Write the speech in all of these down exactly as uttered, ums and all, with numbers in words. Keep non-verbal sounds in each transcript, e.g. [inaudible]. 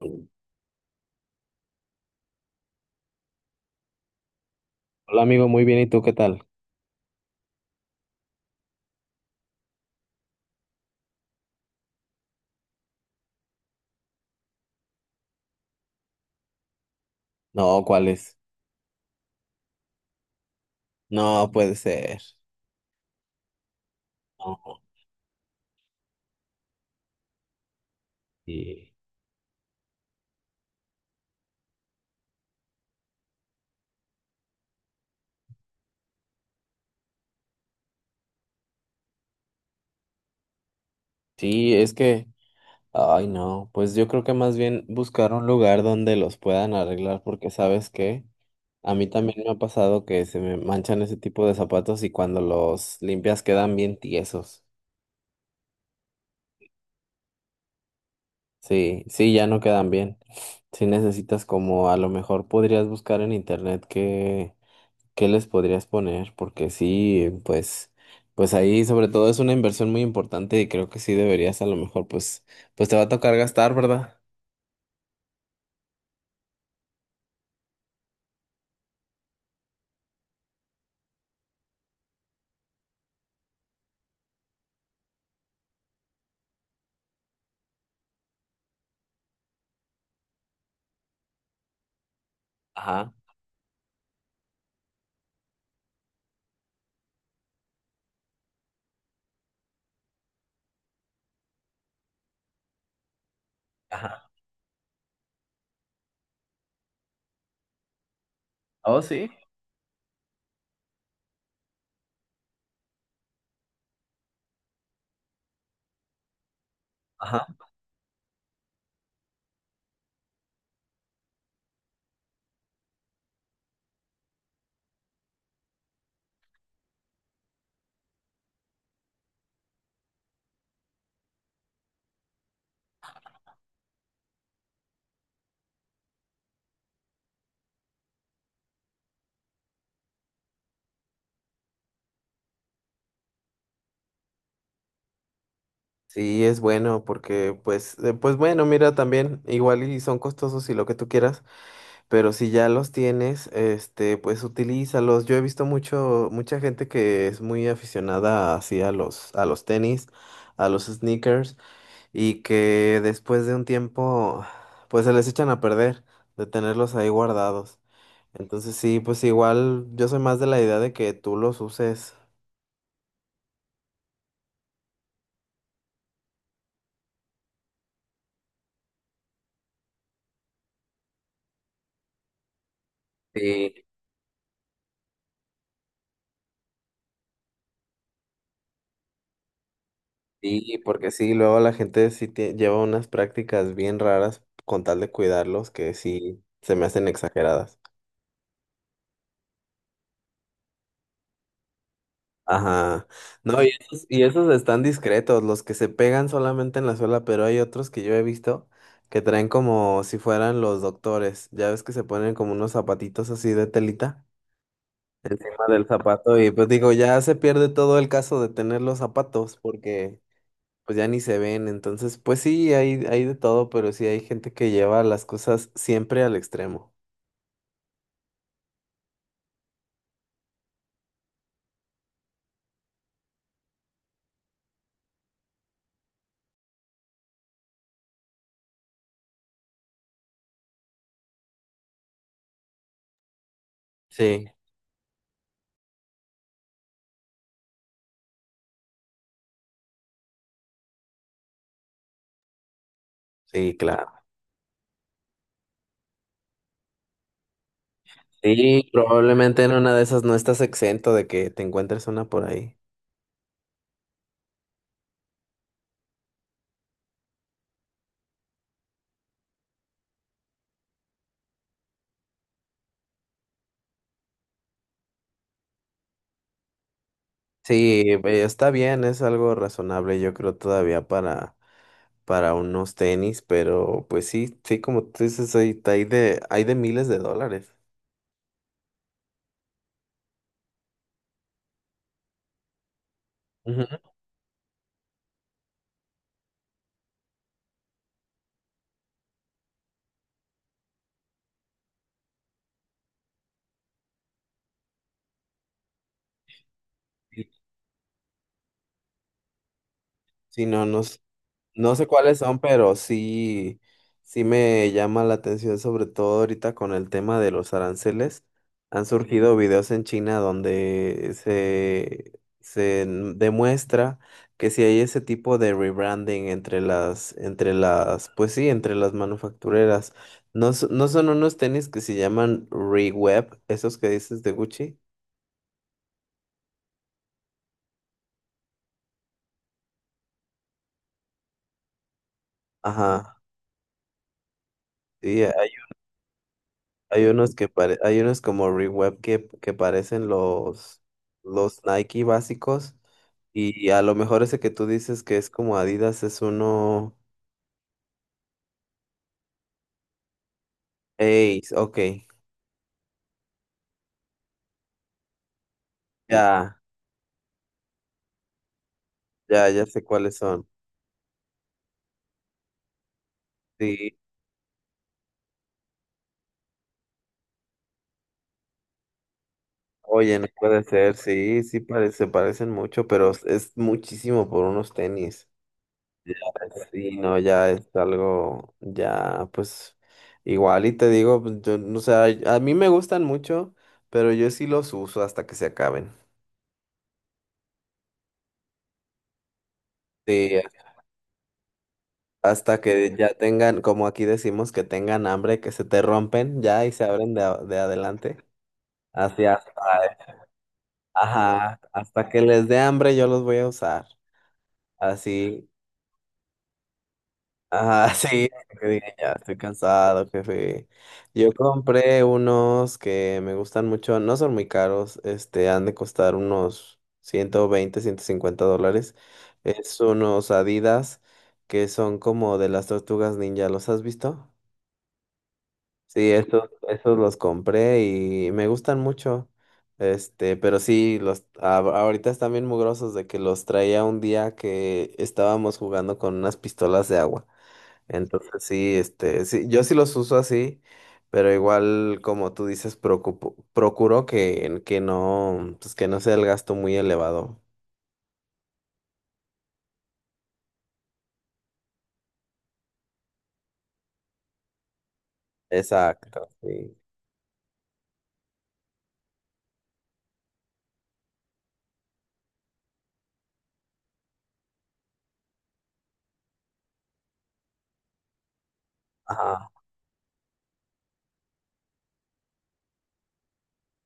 Hola amigo, muy bien, ¿y tú qué tal? No, ¿cuál es? No puede ser. No. Sí, sí, es que, ay no, pues yo creo que más bien buscar un lugar donde los puedan arreglar porque sabes que a mí también me ha pasado que se me manchan ese tipo de zapatos y cuando los limpias quedan bien tiesos. Sí, sí, ya no quedan bien. Si necesitas como a lo mejor podrías buscar en internet que ¿qué les podrías poner? Porque sí, pues, pues ahí sobre todo es una inversión muy importante y creo que sí deberías a lo mejor, pues, pues te va a tocar gastar, ¿verdad? Ajá, ajá. Oh, sí. Ajá. Sí, es bueno porque pues, eh, pues bueno, mira también, igual y son costosos y lo que tú quieras, pero si ya los tienes, este, pues utilízalos. Yo he visto mucho, mucha gente que es muy aficionada así a los, a los tenis, a los sneakers. Y que después de un tiempo, pues se les echan a perder de tenerlos ahí guardados. Entonces sí, pues igual yo soy más de la idea de que tú los uses. Sí, sí, porque sí, luego la gente sí tie- lleva unas prácticas bien raras con tal de cuidarlos que sí se me hacen exageradas. Ajá. No, y esos, y esos están discretos, los que se pegan solamente en la suela, pero hay otros que yo he visto que traen como si fueran los doctores. Ya ves que se ponen como unos zapatitos así de telita encima del zapato y pues digo, ya se pierde todo el caso de tener los zapatos porque pues ya ni se ven. Entonces, pues sí, hay, hay de todo, pero sí hay gente que lleva las cosas siempre al extremo. Sí, sí, claro. Sí, probablemente en una de esas no estás exento de que te encuentres una por ahí. Sí, eh, está bien, es algo razonable, yo creo todavía para, para unos tenis, pero pues sí, sí, como tú dices, hay, hay de, hay de miles de dólares. Ujú. Sí, sí, no, no. No sé cuáles son, pero sí, sí me llama la atención, sobre todo ahorita con el tema de los aranceles. Han surgido videos en China donde se, se n- demuestra que si hay ese tipo de rebranding entre las, entre las, pues sí, entre las manufactureras. No, so- no son unos tenis que se llaman Reweb, esos que dices de Gucci. Ajá. Sí, Hay unos que pare- hay unos como Reweb que, que parecen los, los Nike básicos. Y a lo mejor ese que tú dices que es como Adidas es uno. Ace, ok. Ya, ya, ya sé cuáles son. Sí, oye, no puede ser, sí, sí parece, se parecen mucho, pero es es muchísimo por unos tenis. Ya, sí, no, ya es algo, ya, pues, igual y te digo, pues, yo, o sea, a mí me gustan mucho, pero yo sí los uso hasta que se acaben. Sí, hasta que ya tengan, como aquí decimos, que tengan hambre, que se te rompen ya y se abren de, a- de adelante. Así hasta, ajá, hasta que les dé hambre yo los voy a usar. Así, ajá, [laughs] sí, que digan, ya estoy cansado, jefe. Yo compré unos que me gustan mucho, no son muy caros, este, han de costar unos ciento veinte, ciento cincuenta dólares. Es unos Adidas que son como de las tortugas ninja, ¿los has visto? Sí, estos, esos los compré y me gustan mucho. Este, pero sí, los a- ahorita están bien mugrosos de que los traía un día que estábamos jugando con unas pistolas de agua. Entonces sí, este, sí, yo sí los uso así, pero igual como tú dices, preocupo- procuro que, que no, pues que no sea el gasto muy elevado. Exacto, sí. Ajá.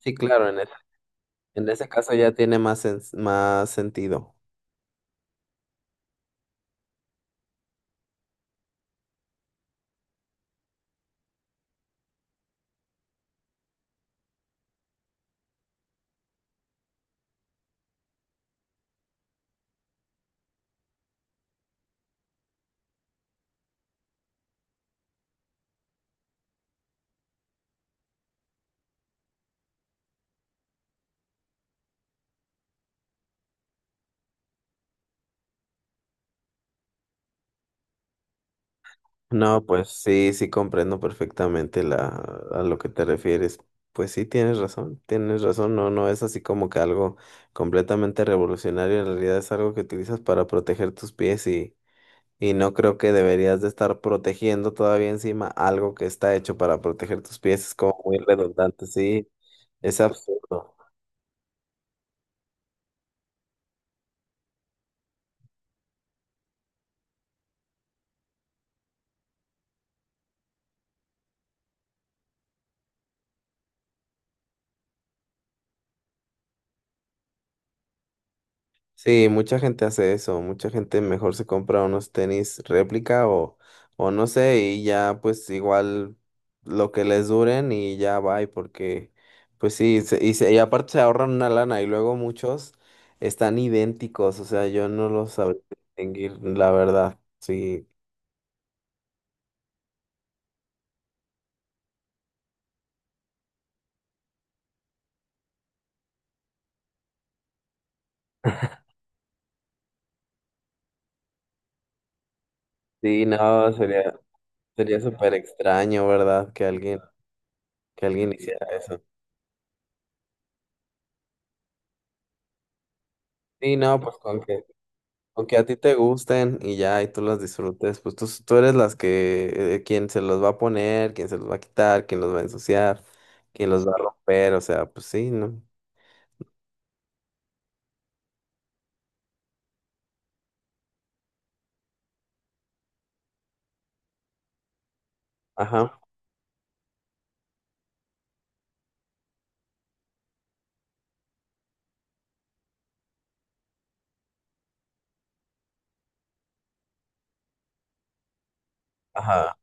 Sí, claro, en ese, en ese caso ya tiene más, sens- más sentido. No, pues sí, sí comprendo perfectamente la, a lo que te refieres. Pues sí, tienes razón, tienes razón, no, no es así como que algo completamente revolucionario, en realidad es algo que utilizas para proteger tus pies y, y no creo que deberías de estar protegiendo todavía encima algo que está hecho para proteger tus pies, es como muy redundante, sí, es absurdo. Sí, mucha gente hace eso, mucha gente mejor se compra unos tenis réplica o, o no sé, y ya pues igual lo que les duren y ya va, y porque pues sí, se- y, se- y aparte se ahorran una lana y luego muchos están idénticos, o sea, yo no los sabría distinguir, la verdad, sí, sí, no, sería, sería súper extraño, ¿verdad? Que alguien, que alguien hiciera eso. Sí, no, pues con que. Aunque a ti te gusten y ya, y tú las disfrutes, pues tú, tú eres las que, eh, quien se los va a poner, quien se los va a quitar, quien los va a ensuciar, quien los va a romper, o sea, pues sí, ¿no? Ajá, ajá.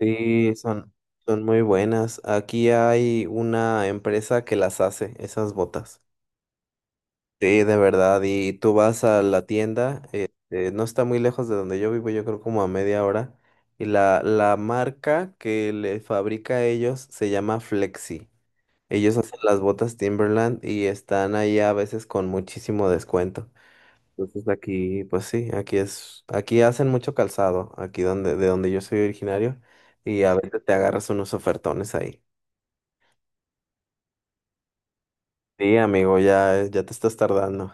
Sí, son, son muy buenas. Aquí hay una empresa que las hace, esas botas. Sí, de verdad, y tú vas a la tienda, eh, eh, no está muy lejos de donde yo vivo, yo creo como a media hora, y la, la marca que le fabrica a ellos se llama Flexi. Ellos hacen las botas Timberland y están ahí a veces con muchísimo descuento. Entonces aquí, pues sí, aquí es, aquí hacen mucho calzado, aquí donde, de donde yo soy originario, y a veces te agarras unos ofertones ahí. Sí, amigo, ya, eh, ya te estás tardando.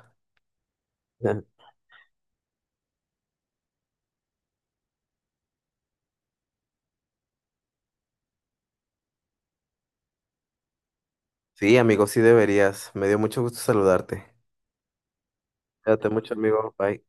[laughs] Sí, amigo, sí deberías. Me dio mucho gusto saludarte. Cuídate mucho, amigo. Bye.